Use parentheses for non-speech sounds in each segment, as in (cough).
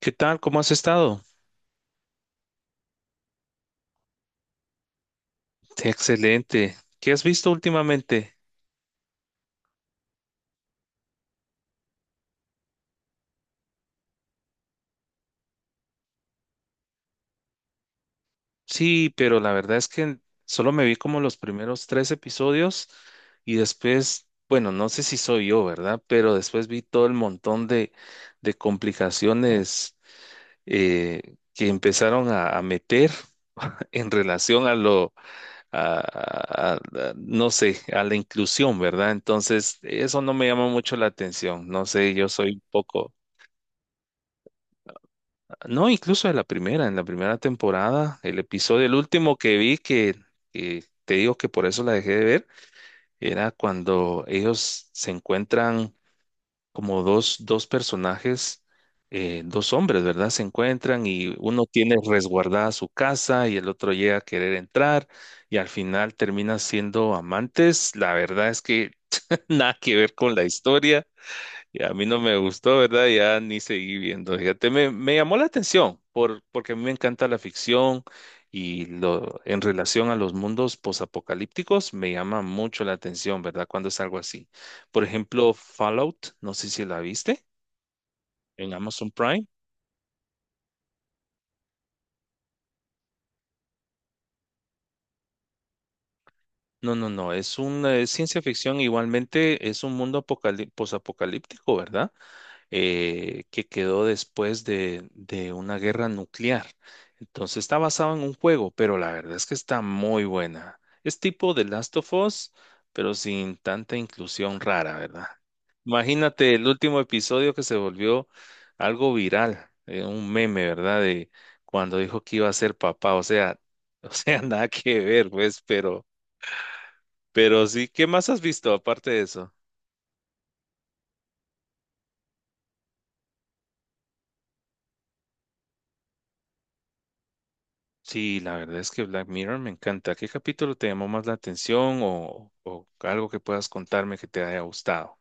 ¿Qué tal? ¿Cómo has estado? Excelente. ¿Qué has visto últimamente? Sí, pero la verdad es que solo me vi como los primeros tres episodios y después, bueno, no sé si soy yo, ¿verdad? Pero después vi todo el montón de complicaciones que empezaron a meter (laughs) en relación a lo, a, a- a- no sé, a la inclusión, ¿verdad? Entonces, eso no me llama mucho la atención. No sé, yo soy un poco... No, incluso en la primera temporada, el episodio, el último que vi que te digo que por eso la dejé de ver, era cuando ellos se encuentran como dos personajes, dos hombres, ¿verdad? Se encuentran y uno tiene resguardada su casa y el otro llega a querer entrar y al final terminan siendo amantes. La verdad es que (laughs) nada que ver con la historia y a mí no me gustó, ¿verdad? Ya ni seguí viendo. Fíjate, me llamó la atención porque a mí me encanta la ficción y en relación a los mundos posapocalípticos me llama mucho la atención, ¿verdad? Cuando es algo así. Por ejemplo, Fallout, no sé si la viste en Amazon Prime. No, es una es ciencia ficción, igualmente es un mundo posapocalíptico, ¿verdad? Que quedó después de una guerra nuclear. Entonces está basado en un juego, pero la verdad es que está muy buena. Es tipo The Last of Us, pero sin tanta inclusión rara, ¿verdad? Imagínate el último episodio que se volvió algo viral, un meme, ¿verdad? De cuando dijo que iba a ser papá, o sea, (laughs) nada que ver, pues, pero sí, ¿qué más has visto aparte de eso? Sí, la verdad es que Black Mirror me encanta. ¿Qué capítulo te llamó más la atención o algo que puedas contarme que te haya gustado?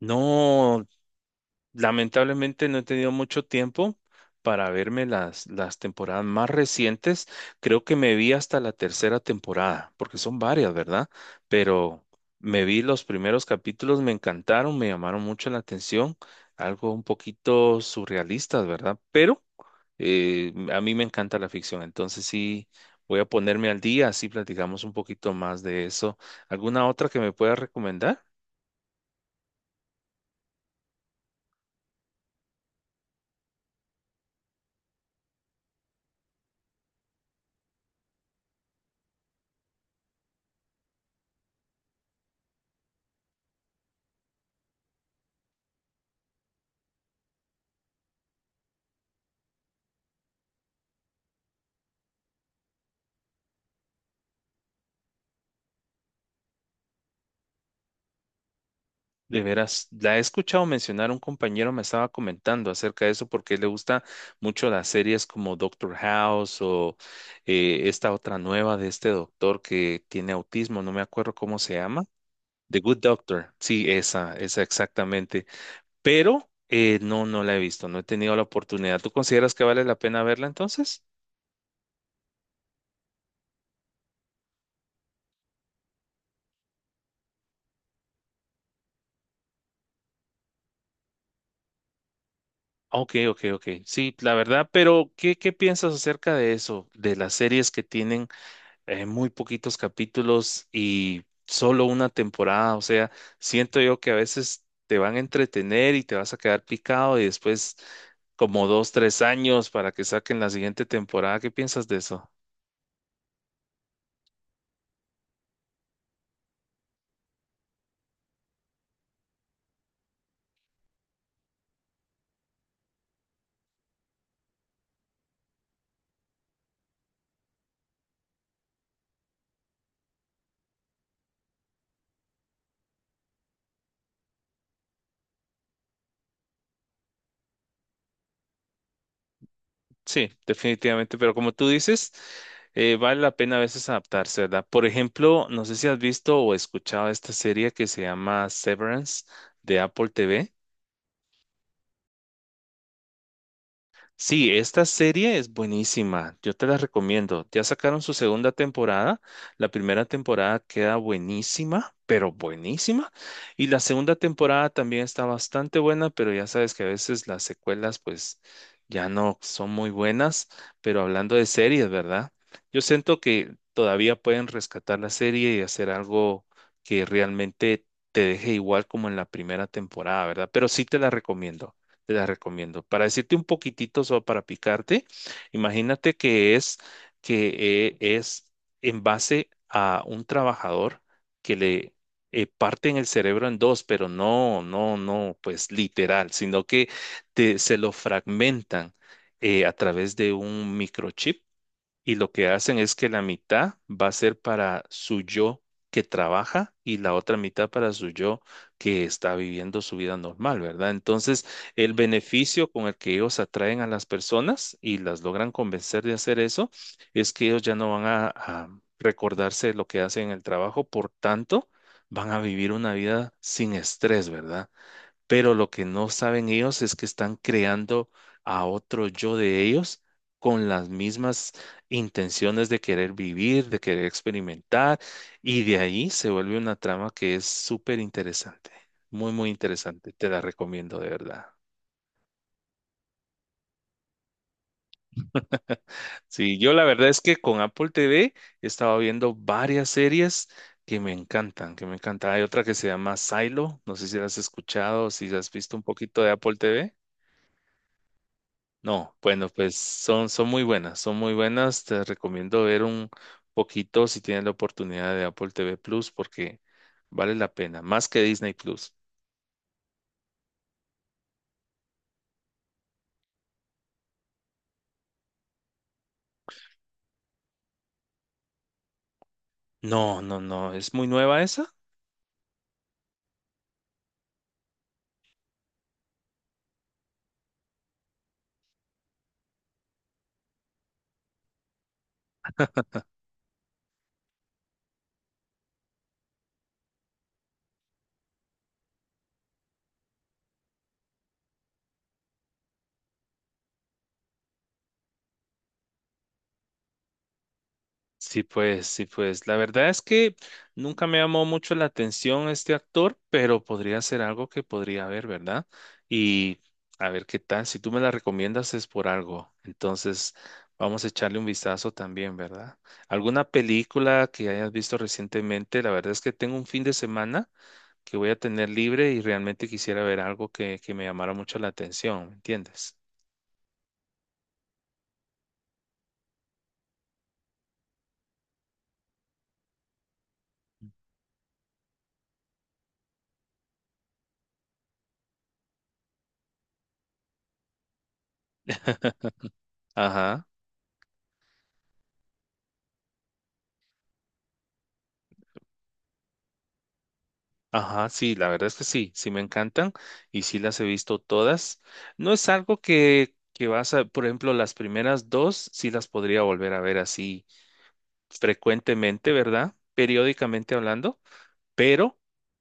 No, lamentablemente no he tenido mucho tiempo para verme las temporadas más recientes. Creo que me vi hasta la tercera temporada, porque son varias, ¿verdad? Pero me vi los primeros capítulos, me encantaron, me llamaron mucho la atención, algo un poquito surrealistas, ¿verdad? Pero a mí me encanta la ficción, entonces sí voy a ponerme al día, así platicamos un poquito más de eso. ¿Alguna otra que me pueda recomendar? De veras, la he escuchado mencionar, un compañero me estaba comentando acerca de eso porque le gusta mucho las series como Doctor House o esta otra nueva de este doctor que tiene autismo, no me acuerdo cómo se llama. The Good Doctor, sí, esa exactamente. Pero no, no la he visto, no he tenido la oportunidad. ¿Tú consideras que vale la pena verla entonces? Ok, ok, ok. Sí, la verdad, pero ¿qué, qué piensas acerca de eso? De las series que tienen muy poquitos capítulos y solo una temporada. O sea, siento yo que a veces te van a entretener y te vas a quedar picado y después como dos, tres años para que saquen la siguiente temporada. ¿Qué piensas de eso? Sí, definitivamente. Pero como tú dices, vale la pena a veces adaptarse, ¿verdad? Por ejemplo, no sé si has visto o escuchado esta serie que se llama Severance de Apple TV. Sí, esta serie es buenísima, yo te la recomiendo. Ya sacaron su segunda temporada, la primera temporada queda buenísima, pero buenísima, y la segunda temporada también está bastante buena, pero ya sabes que a veces las secuelas pues ya no son muy buenas, pero hablando de series, ¿verdad? Yo siento que todavía pueden rescatar la serie y hacer algo que realmente te deje igual como en la primera temporada, ¿verdad? Pero sí te la recomiendo te la recomiendo. Para decirte un poquitito, solo para picarte, imagínate que es en base a un trabajador que le parten el cerebro en dos, pero no, pues literal, sino que se lo fragmentan a través de un microchip y lo que hacen es que la mitad va a ser para su yo que trabaja y la otra mitad para su yo que está viviendo su vida normal, ¿verdad? Entonces, el beneficio con el que ellos atraen a las personas y las logran convencer de hacer eso es que ellos ya no van a recordarse de lo que hacen en el trabajo, por tanto, van a vivir una vida sin estrés, ¿verdad? Pero lo que no saben ellos es que están creando a otro yo de ellos con las mismas intenciones de querer vivir, de querer experimentar, y de ahí se vuelve una trama que es súper interesante, muy, muy interesante, te la recomiendo de verdad. Sí, yo la verdad es que con Apple TV he estado viendo varias series que me encantan, que me encantan. Hay otra que se llama Silo, no sé si la has escuchado, si has visto un poquito de Apple TV. No, bueno, pues son muy buenas, son muy buenas. Te recomiendo ver un poquito si tienes la oportunidad de Apple TV Plus porque vale la pena, más que Disney Plus. No, es muy nueva esa. Sí, pues, sí, pues. La verdad es que nunca me llamó mucho la atención este actor, pero podría ser algo que podría ver, ¿verdad? Y a ver qué tal. Si tú me la recomiendas es por algo. Entonces, vamos a echarle un vistazo también, ¿verdad? ¿Alguna película que hayas visto recientemente? La verdad es que tengo un fin de semana que voy a tener libre y realmente quisiera ver algo que me llamara mucho la atención, ¿me entiendes? Ajá. Ajá, sí, la verdad es que sí, sí me encantan y sí las he visto todas. No es algo que vas a, por ejemplo, las primeras dos sí las podría volver a ver así frecuentemente, ¿verdad? Periódicamente hablando, pero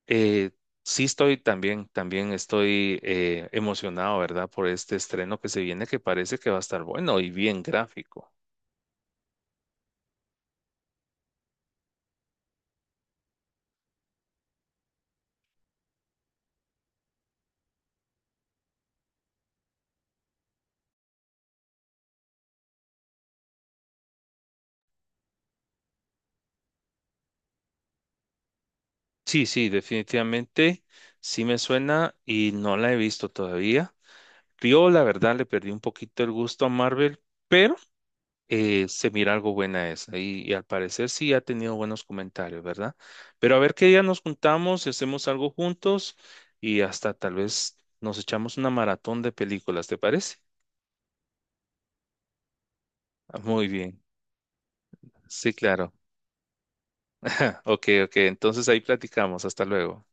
eh, sí estoy también, también estoy emocionado, ¿verdad? Por este estreno que se viene que parece que va a estar bueno y bien gráfico. Sí, sí, definitivamente sí me suena y no la he visto todavía. Yo, la verdad, le perdí un poquito el gusto a Marvel, pero se mira algo buena esa. Y al parecer sí ha tenido buenos comentarios, ¿verdad? Pero a ver qué día nos juntamos y hacemos algo juntos y hasta tal vez nos echamos una maratón de películas, ¿te parece? Ah, muy bien. Sí, claro. (laughs) Ok, ok. Entonces ahí platicamos. Hasta luego.